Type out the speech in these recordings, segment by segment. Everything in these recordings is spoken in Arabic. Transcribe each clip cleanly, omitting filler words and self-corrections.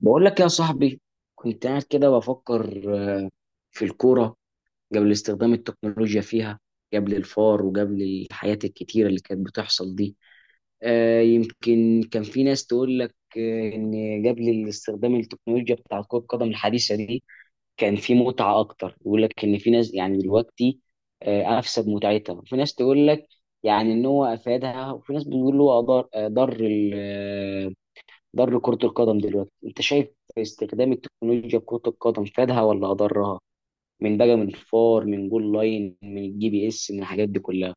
بقول لك يا صاحبي، كنت قاعد كده بفكر في الكورة قبل استخدام التكنولوجيا فيها، قبل الفار وقبل الحاجات الكتيرة اللي كانت بتحصل دي. يمكن كان في ناس تقول لك إن قبل استخدام التكنولوجيا بتاع كرة القدم الحديثة دي كان في متعة أكتر، يقول لك إن في ناس يعني دلوقتي أفسد متعتها، وفي ناس تقول لك يعني إن هو أفادها، وفي ناس بتقول هو أضر كرة القدم. دلوقتي انت شايف استخدام التكنولوجيا في كرة القدم فادها ولا اضرها؟ من بقى، من فار، من جول لاين، من الجي بي اس، من الحاجات دي كلها،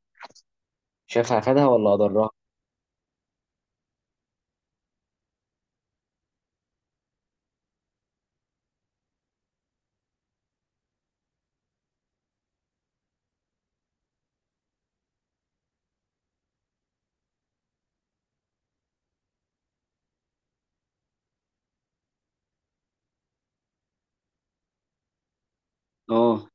شايفها فادها ولا اضرها؟ اه.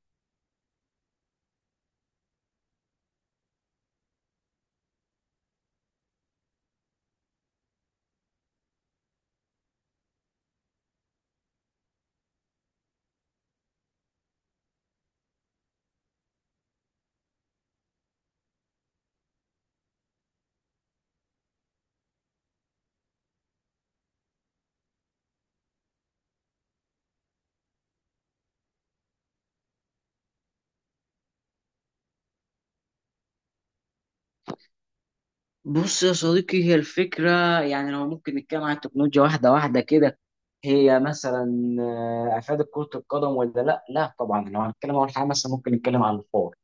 بص يا صديقي، هي الفكرة يعني لو ممكن نتكلم عن التكنولوجيا واحدة واحدة كده. هي مثلا أفادت كرة القدم ولا لا؟ لا طبعا. لو هنتكلم أول حاجة، مثلا ممكن نتكلم عن الفار.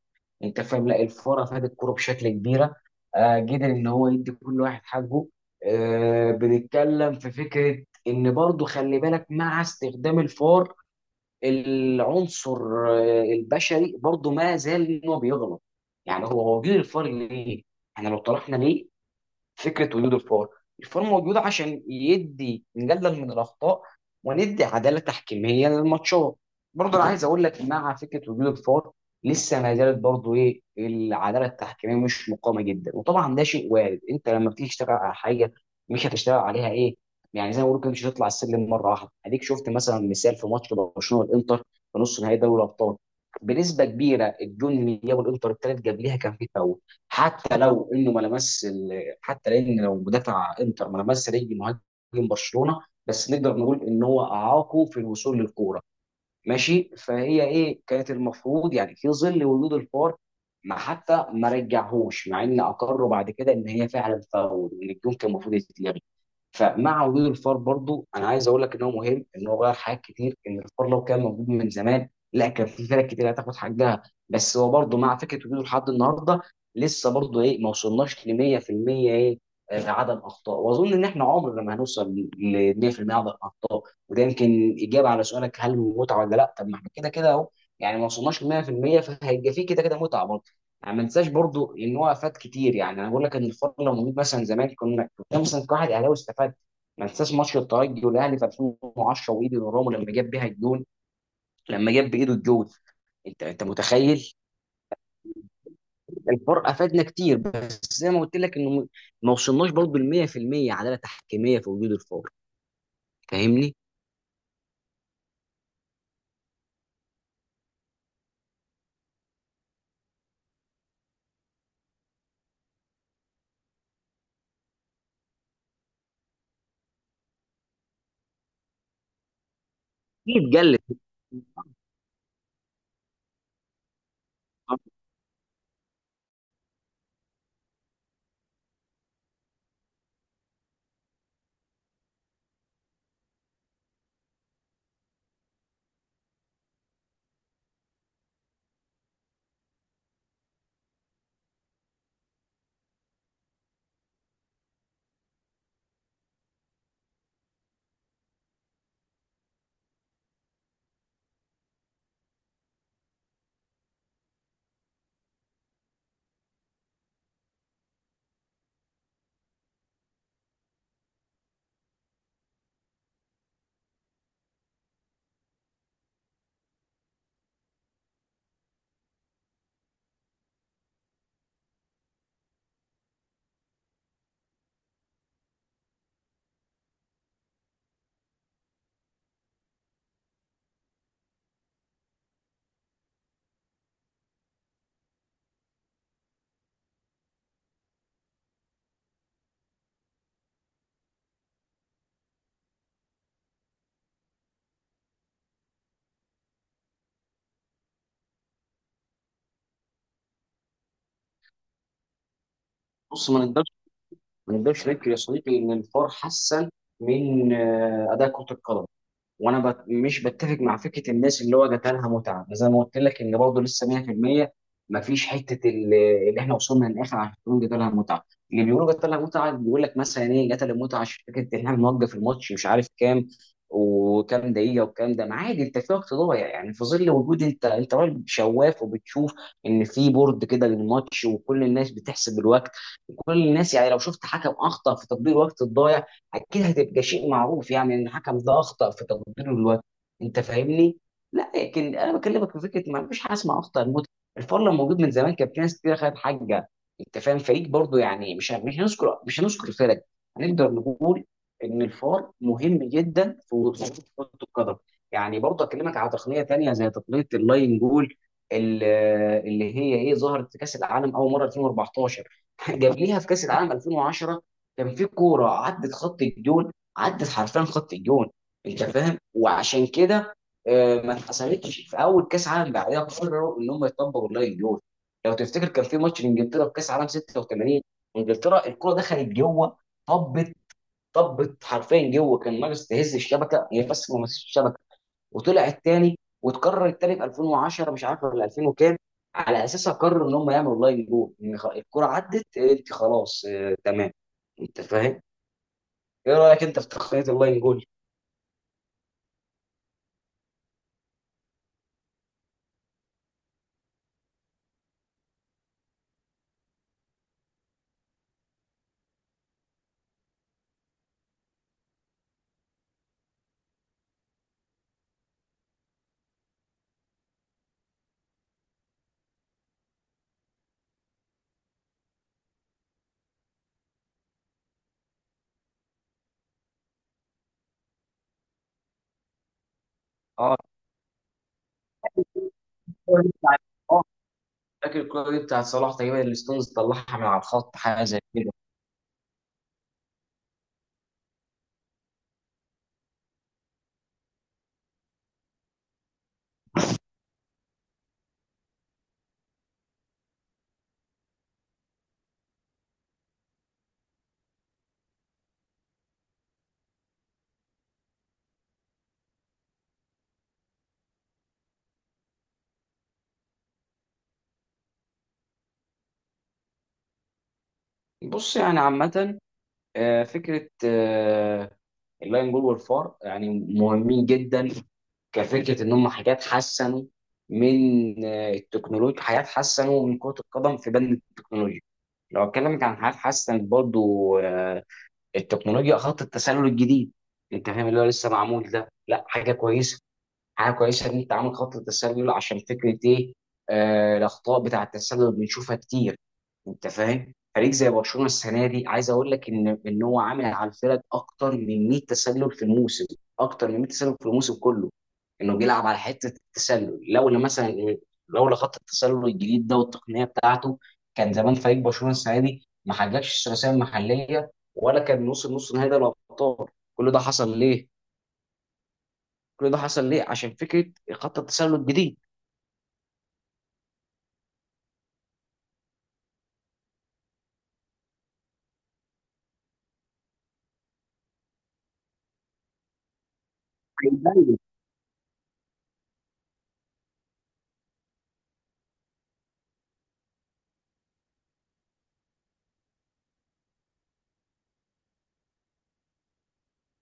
انت فاهم؟ لا، الفرق فات الكوره بشكل كبيره، قدر ان هو يدي كل واحد حقه. بنتكلم في فكره ان برضو خلي بالك مع استخدام الفار، العنصر البشري برضو ما زال ان هو بيغلط. يعني هو جه الفار ليه؟ احنا لو طرحنا ليه فكره وجود الفار، الفار موجود عشان يدي نقلل من الاخطاء وندي عداله تحكيميه للماتشات. برضه انا عايز اقول لك مع فكره وجود الفار، لسه ما زالت برضه ايه، العداله التحكيميه مش مقامه جدا، وطبعا ده شيء وارد. انت لما بتيجي تشتغل على حاجه مش هتشتغل عليها ايه يعني، زي ما بقول كده، مش هتطلع السلم مره واحده. اديك شفت مثلا مثال في ماتش برشلونه والانتر في نص نهائي دوري الابطال، بنسبه كبيره الجون اللي جابه الانتر التالت قبليها كان فيه فاول، حتى لو انه ما لمس، حتى لان لو مدافع انتر ما لمس رجل مهاجم برشلونه، بس نقدر نقول ان هو اعاقه في الوصول للكوره. ماشي؟ فهي ايه كانت المفروض يعني في ظل وجود الفار؟ ما حتى ما رجعهوش، مع ان اقروا بعد كده ان هي فعلا فاول وان الجون كان المفروض يتلغي. فمع وجود الفار برضو انا عايز اقول لك ان هو مهم، ان هو غير حاجات كتير، ان الفار لو كان موجود من زمان لا كان في فرق كتير هتاخد حقها. بس هو برضو مع فكره وجوده لحد النهارده، لسه برضو ايه، ما وصلناش ل 100% ايه، عدم اخطاء. واظن ان احنا عمرنا ما هنوصل ل 100% عدم اخطاء، وده يمكن اجابه على سؤالك هل متعه ولا لا. طب ما احنا كده كده اهو، يعني ما وصلناش ل 100%، فهيبقى في كده كده متعه. يعني ما انساش برضو ان هو افاد كتير، يعني انا بقول لك ان الفرق لو موجود مثلا زمان، كنت مثلا كواحد اهلاوي استفاد. ما انساش ماتش الترجي والاهلي في 2010 وايدي نورامو، لما جاب بايده الجون. انت متخيل؟ الفرق افادنا كتير، بس زي ما قلت لك انه ما وصلناش برضو ل 100% عداله تحكيميه في وجود الفار. فاهمني؟ دي اتقلت. بص، ما نقدرش ننكر يا صديقي ان الفار حسن من اداء كره القدم. وانا مش بتفق مع فكره الناس اللي هو جات لها متعه. زي ما قلت لك، ان برضه لسه 100% ما فيش حته اللي احنا وصلنا للاخر عشان نقول جات لها متعه. اللي بيقولوا جات لها متعه بيقول لك مثلا ايه، جات لها متعه عشان فكره ان احنا بنوقف الماتش، مش عارف كام وكام دقيقه وكام. ده ما عادي، انت في وقت ضايع يعني، في ظل وجود، انت راجل شواف وبتشوف ان في بورد كده للماتش وكل الناس بتحسب الوقت. وكل الناس يعني لو شفت حكم اخطا في تطبيق الوقت الضايع اكيد هتبقى شيء معروف، يعني ان الحكم ده اخطا في تقدير الوقت. انت فاهمني؟ لا، لكن انا بكلمك في فكره ما فيش حاجه اسمها اخطا الموت. الفار لو موجود من زمان كان في ناس كتير خدت حاجه. انت فاهم؟ فريق برضو يعني، مش هنذكر فرق. هنقدر نقول ان الفار مهم جدا في وصول كره القدم. يعني برضو اكلمك على تقنيه تانية زي تقنيه اللاين جول، ال- اللي هي ايه، ظهرت في كاس العالم اول مره 2014. جاب ليها في كاس العالم 2010 كان في كوره عدت خط الجون، عدت حرفيا خط الجون. انت فاهم؟ وعشان كده ما اتحسبتش، في اول كاس عالم بعدها قرروا ان هم يطبقوا اللاين الجول. لو تفتكر كان في ماتش لانجلترا في كاس عالم 86، انجلترا الكوره دخلت جوه، طبت، طبت حرفيا جوه، كان ناقص تهز الشبكه هي، بس ما مسكتش الشبكه وطلعت تاني. وتكرر التاني في 2010، مش عارف ولا 2000 وكام. على اساسها قرروا ان هم يعملوا لاين جول ان الكره عدت، انت خلاص تمام. انت فاهم؟ ايه رايك انت في تقنيه اللاين جول؟ اه، اه، فاكر الكوره دي بتاعت صلاح تقريبا اللي ستونز طلعها من على الخط، حاجه زي كده. بص يعني عامه، فكره اللاين جول والفار يعني مهمين جدا. كفكره ان هم حاجات حسنوا من التكنولوجيا، حاجات حسنوا من كره القدم في بند التكنولوجيا. لو اتكلمك عن حاجات حسنت برضو، التكنولوجيا خط التسلل الجديد. انت فاهم؟ اللي هو لسه معمول ده، لا حاجه كويسه. حاجه كويسه ان انت عامل خط تسلل عشان فكره ايه، الاخطاء بتاع التسلل بنشوفها كتير. انت فاهم؟ فريق زي برشلونه السنه دي عايز اقول لك ان هو عامل على الفرق اكتر من 100 تسلل في الموسم، اكتر من 100 تسلل في الموسم كله. انه بيلعب على حته التسلل. لولا خط التسلل الجديد ده والتقنيه بتاعته كان زمان فريق برشلونه السنه دي ما حققش الثلاثيه المحليه، ولا كان وصل نص نهائي دوري الابطال. كل ده حصل ليه؟ كل ده حصل ليه؟ عشان فكره خط التسلل الجديد.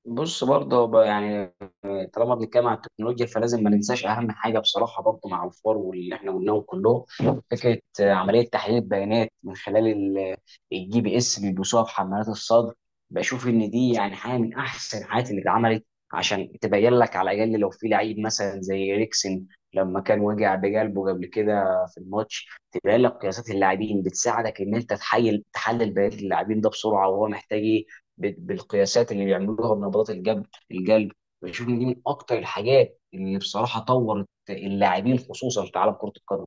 بص برضه بقى يعني، طالما بنتكلم عن التكنولوجيا فلازم ما ننساش اهم حاجه بصراحه برضه، مع الفار واللي احنا قلناهم كلهم، فكره عمليه تحليل البيانات من خلال الجي بي اس اللي بيلبسوها في حمالات الصدر. بشوف ان دي يعني حاجه من احسن الحاجات اللي اتعملت، عشان تبين لك على الاقل لو في لعيب مثلا زي ريكسن لما كان وجع بقلبه قبل كده. في الماتش تبين لك قياسات اللاعبين، بتساعدك ان انت تحلل بيانات اللاعبين ده بسرعه وهو محتاج ايه، بالقياسات اللي بيعملوها بنبضات القلب. بشوف ان دي من اكتر الحاجات اللي بصراحه طورت اللاعبين، خصوصا في عالم كره القدم.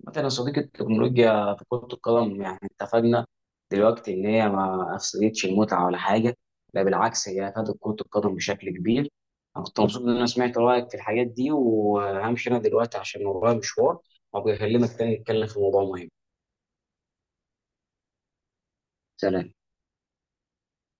مثلا يا صديقي، التكنولوجيا في كره القدم يعني اتفقنا دلوقتي ان هي ما افسدتش المتعه ولا حاجه. لا بالعكس، هي افادت كره القدم بشكل كبير. انا كنت مبسوط ان انا سمعت رايك في الحاجات دي، وهمشي انا دلوقتي عشان ورايا مشوار، وابقى اكلمك تاني نتكلم في موضوع مهم. سلام.